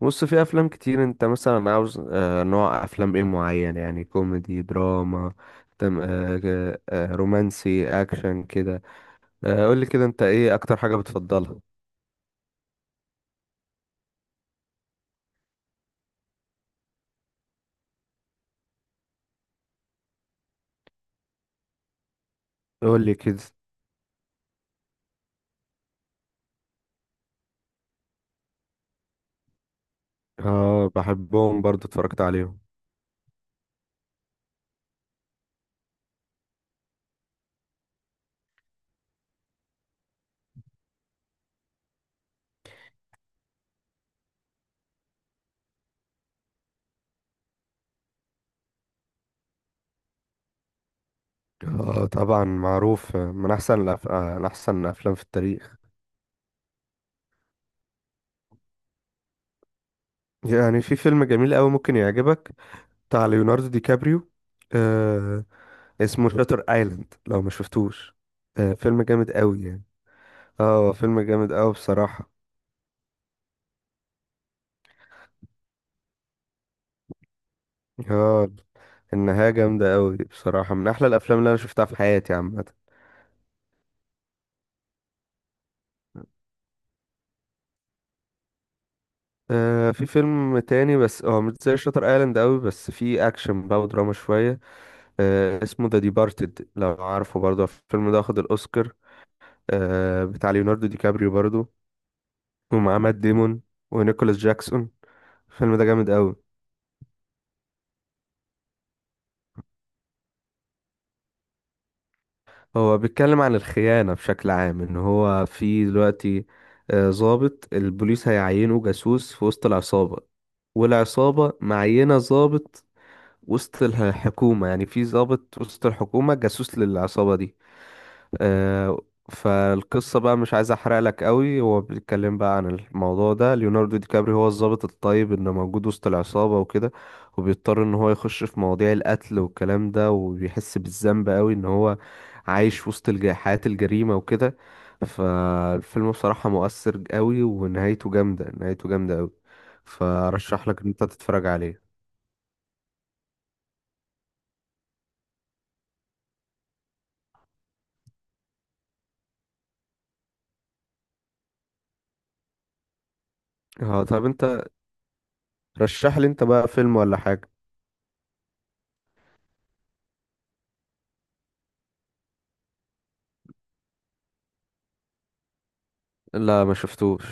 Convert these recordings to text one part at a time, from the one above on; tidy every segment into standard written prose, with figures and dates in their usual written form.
بص، في افلام كتير. انت مثلا عاوز نوع افلام ايه معين؟ يعني كوميدي، دراما، تم آه، ك- آه، رومانسي، اكشن كده؟ قول لي كده، انت ايه اكتر حاجة بتفضلها؟ قول لي كده. اه بحبهم برضو، اتفرجت عليهم. اه طبعا معروف، من احسن الأف... آه، من احسن الافلام في التاريخ. يعني في فيلم جميل قوي ممكن يعجبك، بتاع ليوناردو دي كابريو. آه، اسمه شاتر ايلاند، لو ما شفتوش. آه، فيلم جامد قوي. اه هو فيلم جامد قوي بصراحة. اه النهاية جامدة قوي بصراحة، من احلى الافلام اللي انا شفتها في حياتي عامة. آه في فيلم تاني، بس هو مش زي شاتر ايلاند قوي، بس فيه اكشن بقى ودراما شوية. آه اسمه ذا ديبارتد، لو عارفه برضه. الفيلم ده واخد الاوسكار. آه بتاع ليوناردو دي كابريو برضه، ومعاه مات ديمون ونيكولاس جاكسون. الفيلم ده جامد قوي. هو بيتكلم عن الخيانة بشكل عام، ان هو في دلوقتي ضابط البوليس هيعينه جاسوس في وسط العصابة، والعصابة معينة ضابط وسط الحكومة. يعني في ضابط وسط الحكومة جاسوس للعصابة دي. آه، فالقصة بقى مش عايز احرق لك قوي، هو بيتكلم بقى عن الموضوع ده. ليوناردو دي كابري هو الضابط الطيب اللي موجود وسط العصابة وكده، وبيضطر ان هو يخش في مواضيع القتل والكلام ده، وبيحس بالذنب قوي ان هو عايش وسط حياة الجريمة وكده. فالفيلم بصراحة مؤثر قوي، ونهايته جامدة، نهايته جامدة قوي. فرشح لك ان انت تتفرج عليه. اه طب انت رشح لي انت بقى فيلم ولا حاجة. لا، ما شفتوش.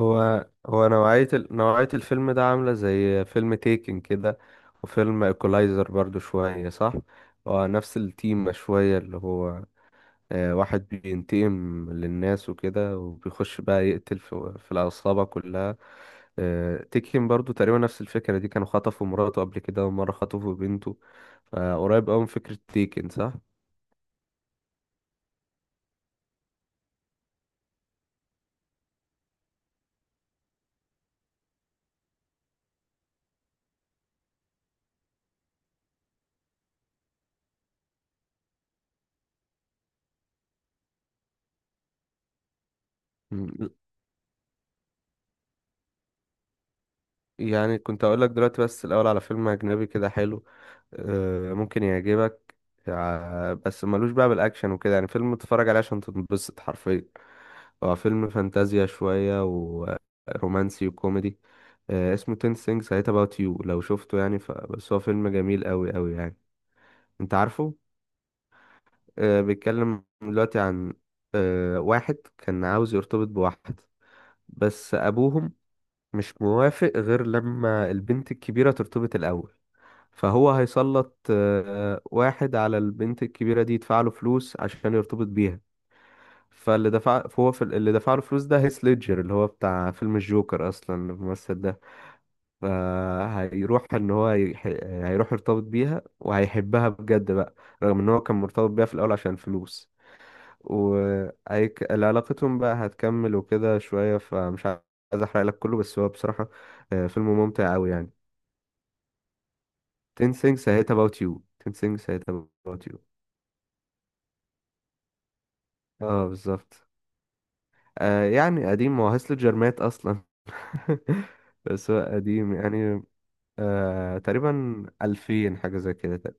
هو نوعية نوعية الفيلم ده عاملة زي فيلم تيكن كده، وفيلم ايكولايزر برضو شوية، صح؟ هو نفس التيمة شوية، اللي هو واحد بينتقم للناس وكده، وبيخش بقى يقتل في العصابة كلها. تيكن برضو تقريبا نفس الفكرة دي. كانوا خطفوا مراته قبل كده، ومرة خطفوا بنته. فقريب أوي من فكرة تيكن، صح؟ مم. يعني كنت أقول لك دلوقتي بس الأول على فيلم أجنبي كده حلو، ممكن يعجبك. بس ملوش بقى بالاكشن وكده، يعني فيلم تتفرج عليه عشان تنبسط حرفيا. هو فيلم فانتازيا شويه ورومانسي وكوميدي. آه، اسمه 10 things I hate about you، لو شفته يعني. بس هو فيلم جميل قوي قوي يعني. انت عارفه، بيتكلم دلوقتي عن واحد كان عاوز يرتبط بواحد، بس ابوهم مش موافق غير لما البنت الكبيره ترتبط الاول. فهو هيسلط واحد على البنت الكبيرة دي، يدفع له فلوس عشان يرتبط بيها. فاللي دفع، فهو في اللي دفع له فلوس ده هيث ليدجر، اللي هو بتاع فيلم الجوكر اصلا الممثل ده. فهيروح ان هو هيروح يرتبط بيها، وهيحبها بجد بقى، رغم ان هو كان مرتبط بيها في الاول عشان فلوس. وهيك علاقتهم بقى هتكمل وكده شوية. فمش عايز احرق لك كله، بس هو بصراحة فيلم ممتع قوي يعني. 10 things I hate about you. 10 things I hate about you. اه بالظبط. آه يعني قديم، هو هاسل جرمات اصلا. بس هو قديم يعني، آه تقريبا 2000 حاجة زي كده تقريبا.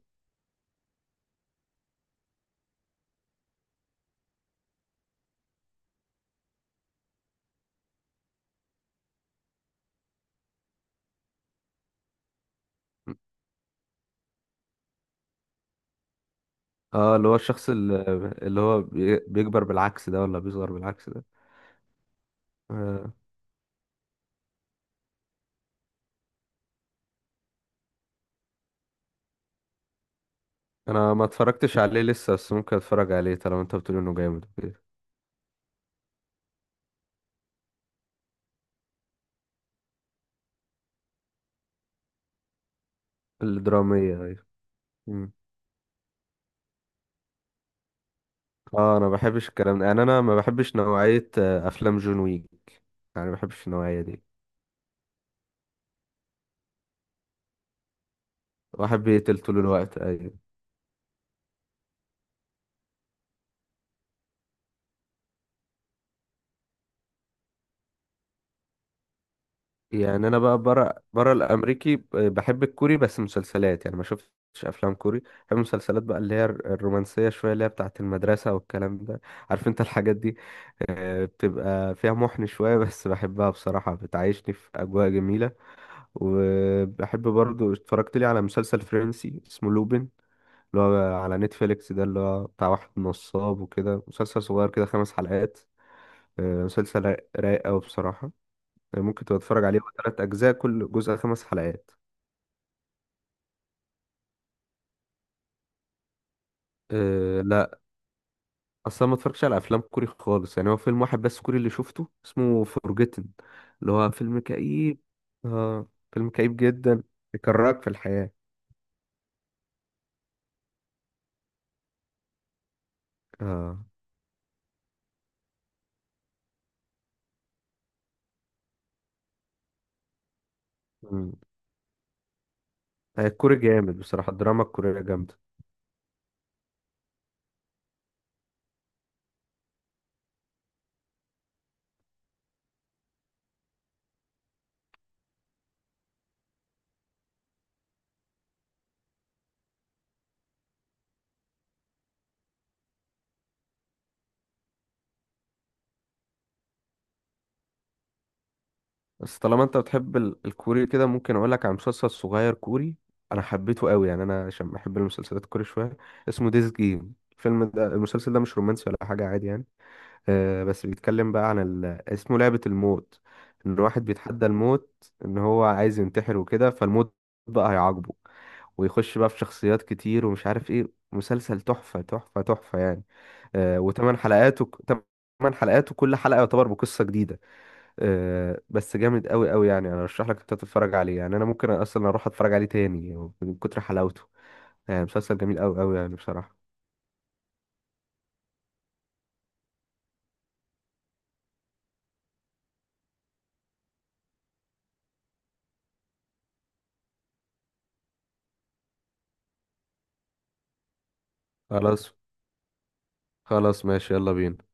اه اللي هو الشخص اللي، اللي هو بيكبر بالعكس ده ولا بيصغر بالعكس ده؟ آه انا ما اتفرجتش عليه لسه، بس ممكن اتفرج عليه طالما انت بتقول انه جامد وكده. الدرامية، ايوه. مم. اه انا ما بحبش الكلام ده، يعني انا ما بحبش نوعية افلام جون ويك. يعني ما بحبش النوعية دي. واحد بيقتل طول الوقت، ايوه. يعني انا بقى بره الامريكي بحب الكوري، بس مسلسلات. يعني ما شفتش افلام كوري. بحب مسلسلات بقى اللي هي الرومانسيه شويه، اللي هي بتاعه المدرسه والكلام ده، عارف انت الحاجات دي. بتبقى فيها محن شويه بس بحبها بصراحه، بتعيشني في اجواء جميله. وبحب برضو اتفرجت لي على مسلسل فرنسي اسمه لوبين، اللي هو على نتفليكس ده، اللي هو بتاع واحد نصاب وكده. مسلسل صغير كده، 5 حلقات. مسلسل رايق أوي بصراحة، يعني ممكن تبقى تتفرج عليه. هو 3 اجزاء، كل جزء 5 حلقات. أه لا، اصلا ما اتفرجتش على افلام كوري خالص. يعني هو فيلم واحد بس كوري اللي شفته، اسمه فورجيتن، اللي هو فيلم كئيب. اه فيلم كئيب جدا، يكرهك في الحياة. اه. مم. الكوري جامد بصراحة، الدراما الكورية جامدة. بس طالما انت بتحب الكوري كده، ممكن اقول لك على مسلسل صغير كوري انا حبيته قوي، يعني انا عشان بحب المسلسلات الكوري شوية. اسمه ديز جيم. الفيلم ده، المسلسل ده مش رومانسي ولا حاجة، عادي يعني. بس بيتكلم بقى عن ال... اسمه لعبة الموت. ان الواحد بيتحدى الموت، ان هو عايز ينتحر وكده، فالموت بقى هيعاقبه، ويخش بقى في شخصيات كتير ومش عارف ايه. مسلسل تحفة تحفة تحفة يعني. آه وثمان حلقاته، 8 حلقات، وكل حلقة يعتبر بقصة جديدة. آه بس جامد قوي قوي يعني. انا ارشح لك انت تتفرج عليه، يعني انا ممكن اصلا اروح اتفرج عليه تاني من كتر حلاوته. يعني مسلسل جميل قوي قوي يعني بصراحة. خلاص. خلاص ماشي، يلا بينا.